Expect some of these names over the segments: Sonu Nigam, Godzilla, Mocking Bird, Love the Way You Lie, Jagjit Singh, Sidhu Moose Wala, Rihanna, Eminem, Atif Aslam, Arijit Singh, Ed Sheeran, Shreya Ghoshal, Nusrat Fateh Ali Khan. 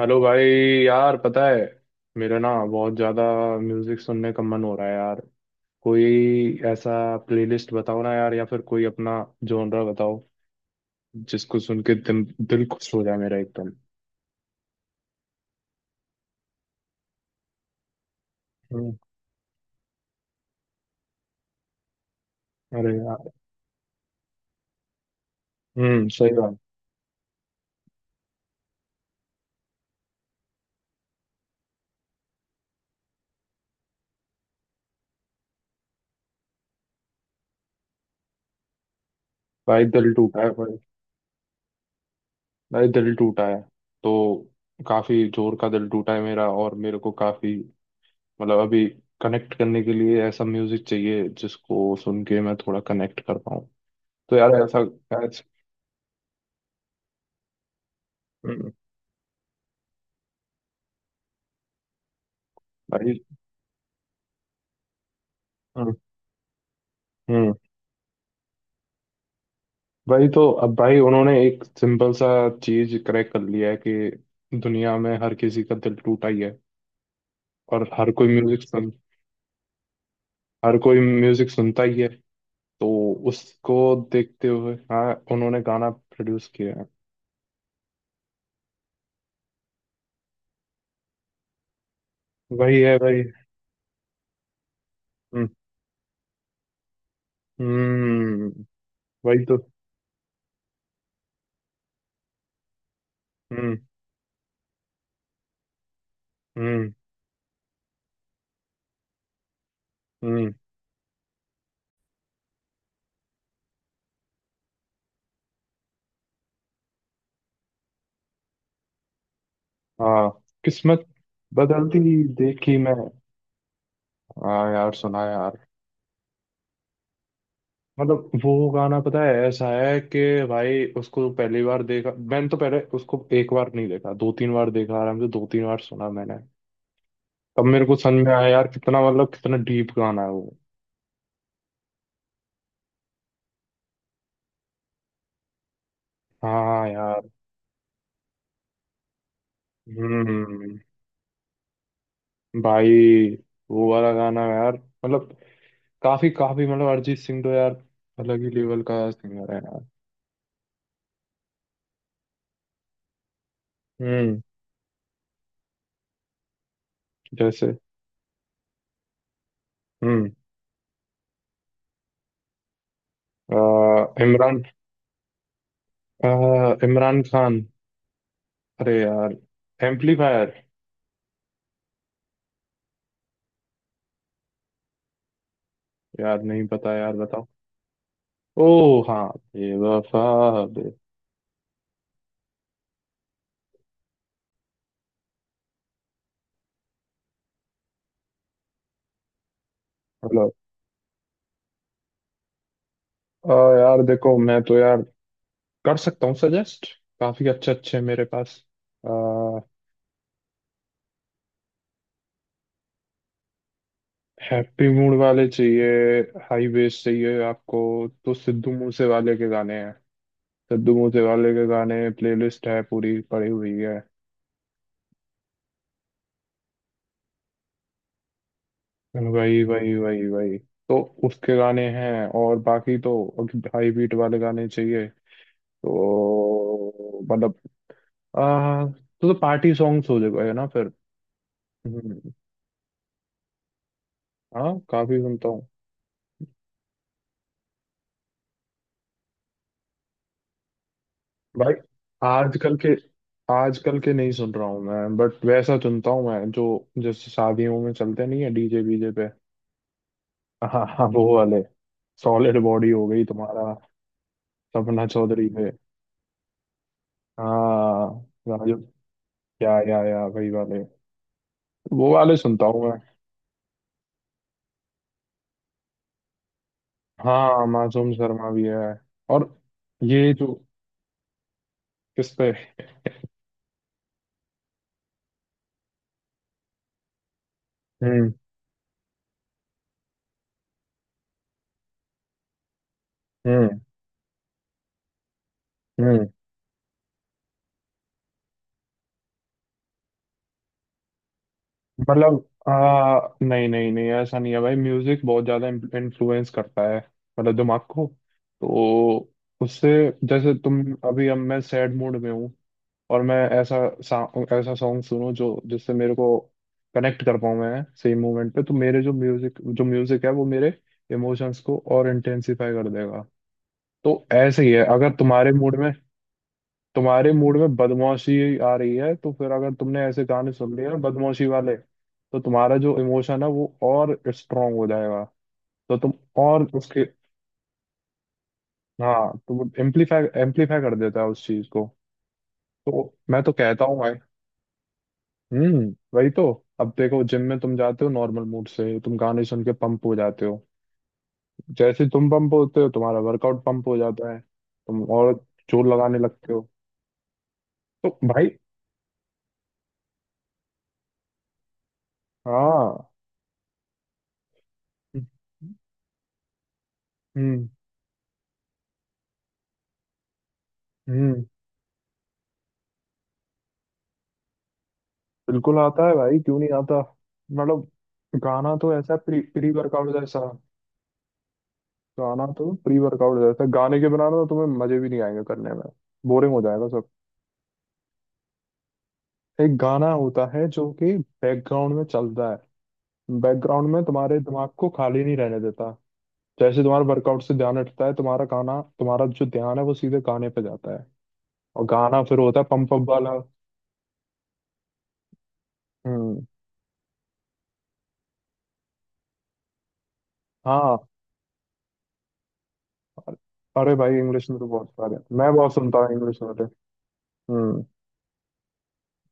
Hello भाई। यार पता है, मेरा ना बहुत ज़्यादा म्यूज़िक सुनने का मन हो रहा है यार। कोई ऐसा प्लेलिस्ट बताओ ना यार, या फिर कोई अपना जॉनरा बताओ जिसको सुन के दिल दिल खुश हो जाए मेरा एकदम। हम्म। अरे यार। हम्म, सही बात। भाई दिल टूटा है भाई। भाई दिल टूटा है। तो काफ़ी जोर का दिल टूटा है मेरा, और मेरे को काफ़ी मतलब अभी कनेक्ट करने के लिए ऐसा म्यूज़िक चाहिए जिसको सुन के मैं थोड़ा कनेक्ट कर पाऊँ। तो यार ऐसा ऐसा- भाई। हम्म। हम्म। भाई तो अब भाई उन्होंने एक सिंपल सा चीज क्रैक कर लिया है कि दुनिया में हर किसी का दिल टूटा ही है। और हर कोई म्यूजिक सुनता ही है। तो उसको देखते हुए, हाँ, उन्होंने गाना प्रोड्यूस किया है। वही है भाई। हम्म। हम्म। वही तो। हम्म। हम्म। हम्म। हाँ। किस्मत बदलती देखी मैं। हाँ यार सुना यार। मतलब वो गाना पता है ऐसा है कि भाई उसको पहली बार देखा मैंने तो पहले उसको एक बार नहीं देखा, दो तीन बार देखा आराम से, दो तीन बार सुना मैंने। तब मेरे को समझ में आया यार, कितना मतलब कितना डीप गाना है वो। हाँ यार। हम्म। भाई वो वाला गाना यार, मतलब काफी काफी मतलब अरिजीत सिंह तो यार अलग ही लेवल का सिंगर है यार। हम्म। जैसे। हम्म। इमरान। अ, इमरान खान। अरे यार, एम्पलीफायर। यार नहीं पता यार, बताओ। ओ हाँ, बेवफा, बेवफा। यार देखो, मैं तो यार कर सकता हूँ सजेस्ट, काफी अच्छे अच्छे हैं मेरे पास। आ, हैप्पी मूड वाले चाहिए, हाई बेस चाहिए आपको, तो सिद्धू मूसे वाले के गाने हैं। सिद्धू मूसे वाले के गाने प्लेलिस्ट है पूरी पड़ी हुई है। वही वही वही वही। तो उसके गाने हैं, और बाकी तो हाई बीट वाले गाने चाहिए तो मतलब तो पार्टी सॉन्ग्स हो जाएगा ना फिर। हम्म। हाँ काफी सुनता हूँ। भाई, आजकल के आजकल के नहीं सुन रहा हूँ मैं, बट वैसा सुनता हूँ मैं जो जैसे शादियों में चलते नहीं है डीजे बीजे पे। हाँ हाँ, वो वाले। सॉलिड बॉडी हो गई तुम्हारा। सपना चौधरी पे। हाँ। राजू। या, वही वाले। वो वाले सुनता हूँ मैं। हाँ मासूम शर्मा भी है। और ये जो, किस पे? हम्म। हम्म। हम्म। मतलब नहीं नहीं नहीं, ऐसा नहीं है भाई, म्यूजिक बहुत ज्यादा इन्फ्लुएंस करता है। मतलब दिमाग को। तो उससे, जैसे तुम अभी, अब मैं सैड मूड में हूँ, और मैं ऐसा ऐसा सॉन्ग सुनूं जो जिससे मेरे को कनेक्ट कर पाऊँ मैं सेम मोमेंट पे, तो मेरे जो म्यूजिक है वो मेरे इमोशंस को और इंटेंसिफाई कर देगा। तो ऐसे ही है। अगर तुम्हारे मूड में बदमाशी आ रही है तो फिर अगर तुमने ऐसे गाने सुन लिए ना बदमाशी वाले तो तुम्हारा जो इमोशन है वो और स्ट्रांग हो जाएगा। तो तुम और उसके। हाँ, तो एम्पलीफाई एम्पलीफाई कर देता है उस चीज को। तो मैं तो कहता हूँ भाई। हम्म। वही तो। अब देखो, जिम में तुम जाते हो नॉर्मल मूड से, तुम गाने सुन के पंप हो जाते हो। जैसे तुम पंप होते हो, तुम्हारा वर्कआउट पंप हो जाता है, तुम और जोर लगाने लगते हो। तो भाई। हाँ। हम्म। हम्म। हम्म। बिल्कुल आता है भाई, क्यों नहीं आता। मतलब गाना तो ऐसा प्री प्री वर्कआउट जैसा। गाना तो प्री वर्कआउट जैसा, गाने के बिना ना तुम्हें मजे भी नहीं आएंगे करने में, बोरिंग हो जाएगा सब। एक गाना होता है जो कि बैकग्राउंड में चलता है, बैकग्राउंड में तुम्हारे दिमाग को खाली नहीं रहने देता। जैसे तुम्हारे वर्कआउट से ध्यान हटता है तुम्हारा, गाना तुम्हारा जो ध्यान है वो सीधे गाने पे जाता है। और गाना फिर होता है पंप अप वाला। हम्म। हाँ। अरे भाई इंग्लिश में तो बहुत सारे हैं। मैं बहुत सुनता हूँ इंग्लिश वाले। हम्म।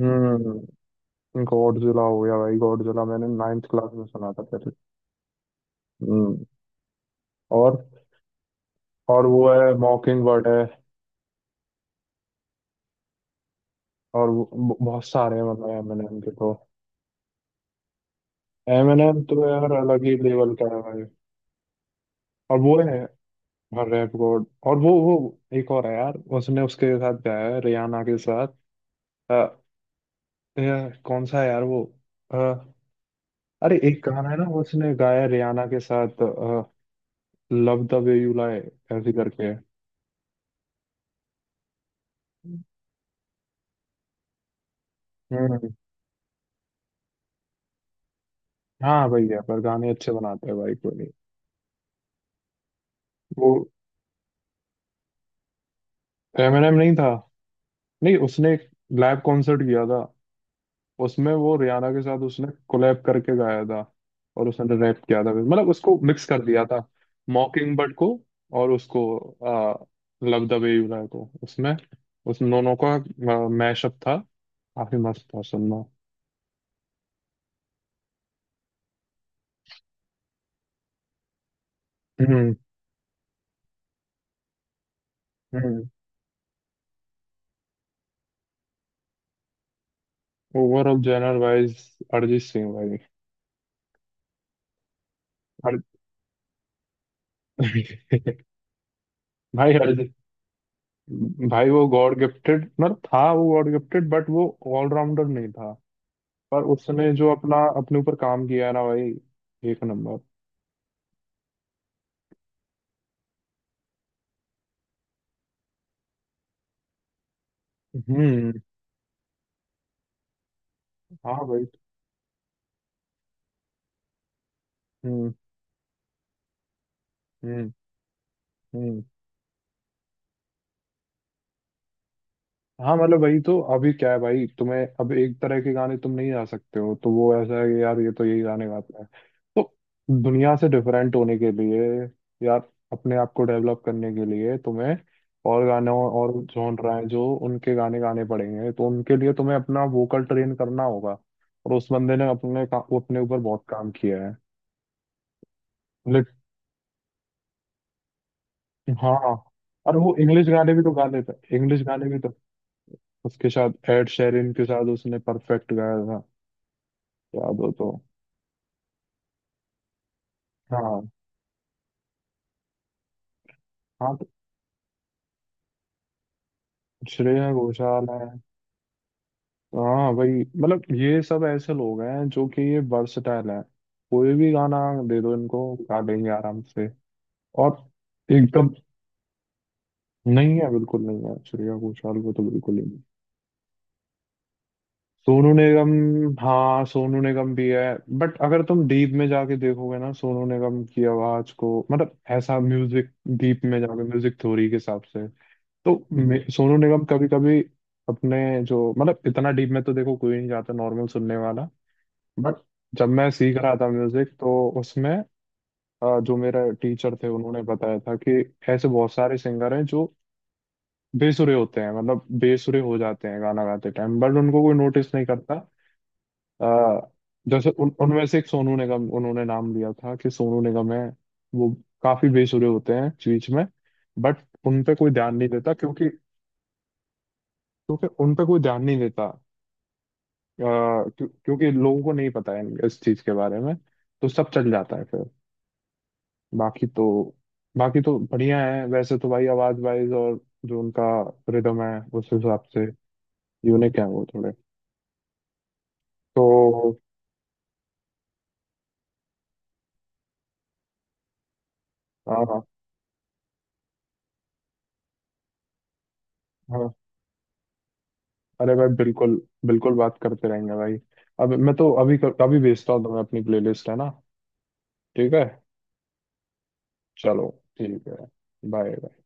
हम्म। गॉडजिला हो गया भाई। गॉडजिला मैंने नाइन्थ क्लास में सुना था पहले। हम्म। और वो है मॉकिंग बर्ड है। और बहुत सारे हैं, मतलब एम एन एम के तो। एम एन एम तो यार अलग ही लेवल का है भाई। और वो है रैप गॉड। और वो एक और है यार, उसने उसके साथ गाया है रियाना के साथ। अ, यार, कौन सा है यार वो। अ, अरे एक गाना है ना वो उसने गाया है रियाना के साथ, love the way you lie, ऐसे करके। हम्म। हाँ भैया, पर गाने अच्छे बनाते हैं भाई कोई। वो एमिनेम नहीं था। नहीं उसने एक लाइव कॉन्सर्ट किया था, उसमें वो रियाना के साथ उसने कोलैब करके गाया था, और उसने रैप किया था मतलब उसको मिक्स कर दिया था, मॉकिंग बर्ड को और उसको, आ, love the way you lie को, उसमें उस दोनों का मैशअप था। काफी मस्त था सुनना। हम्म। हम्म। Overall general wise, Arijit Singh भाई। अर... भाई अरिजीत, भाई वो गॉड गिफ्टेड, मतलब था वो गॉड गिफ्टेड बट वो ऑलराउंडर नहीं था। पर उसने जो अपना अपने ऊपर काम किया है ना भाई, एक नंबर। हम्म। हाँ भाई। हम्म। हम्म। हाँ, मतलब वही तो, अभी क्या है भाई तुम्हें, अब एक तरह के गाने तुम नहीं गा सकते हो तो वो ऐसा है कि यार ये तो यही गाने गाते हैं। तो दुनिया से डिफरेंट होने के लिए यार, अपने आप को डेवलप करने के लिए तुम्हें और गानों और जॉनरा है जो उनके गाने गाने पड़ेंगे तो उनके लिए तुम्हें अपना वोकल ट्रेन करना होगा। और उस बंदे ने अपने ऊपर बहुत काम किया है। लेट। हाँ और वो इंग्लिश गाने भी तो गा लेता है, इंग्लिश गाने भी तो। उसके साथ एड शेरिन के साथ उसने परफेक्ट गाया था, याद हो तो। हाँ। हाँ तो श्रेया घोषाल है। तो हाँ भाई, मतलब ये सब ऐसे लोग हैं जो कि ये वर्सटाइल है, कोई भी गाना दे दो इनको, गा देंगे आराम से। और एकदम। नहीं है, बिल्कुल नहीं है, श्रेया घोषाल को तो बिल्कुल ही नहीं। सोनू निगम। हाँ सोनू निगम भी है। बट अगर तुम डीप में जाके देखोगे ना सोनू निगम की आवाज को, मतलब ऐसा म्यूजिक डीप में जाके, म्यूजिक थ्योरी के हिसाब से, तो सोनू निगम कभी कभी अपने जो, मतलब इतना डीप में तो देखो कोई नहीं जाता नॉर्मल सुनने वाला। बट जब मैं सीख रहा था म्यूजिक तो उसमें, जो मेरा टीचर थे उन्होंने बताया था कि ऐसे बहुत सारे सिंगर हैं जो बेसुरे होते हैं, मतलब बेसुरे हो जाते हैं गाना गाते टाइम, बट उनको कोई नोटिस नहीं करता। अ, जैसे उन उनमें से एक सोनू निगम, उन्होंने नाम लिया था कि सोनू निगम है। वो काफी बेसुरे होते हैं बीच में, बट उन पे कोई ध्यान नहीं देता, क्योंकि क्योंकि उन पे कोई ध्यान नहीं देता। अ, क्योंकि लोगों को नहीं पता है इस चीज के बारे में, तो सब चल जाता है फिर। बाकी तो बाकी तो बढ़िया है वैसे तो भाई, आवाज वाइज, और जो उनका रिदम है उस हिसाब से यूनिक है वो थोड़े। तो। हाँ हाँ हाँ। अरे भाई बिल्कुल, बिल्कुल बात करते रहेंगे भाई। अब मैं तो अभी अभी भेजता हूँ तुम्हें अपनी प्लेलिस्ट है ना। ठीक है। चलो। ठीक है। बाय।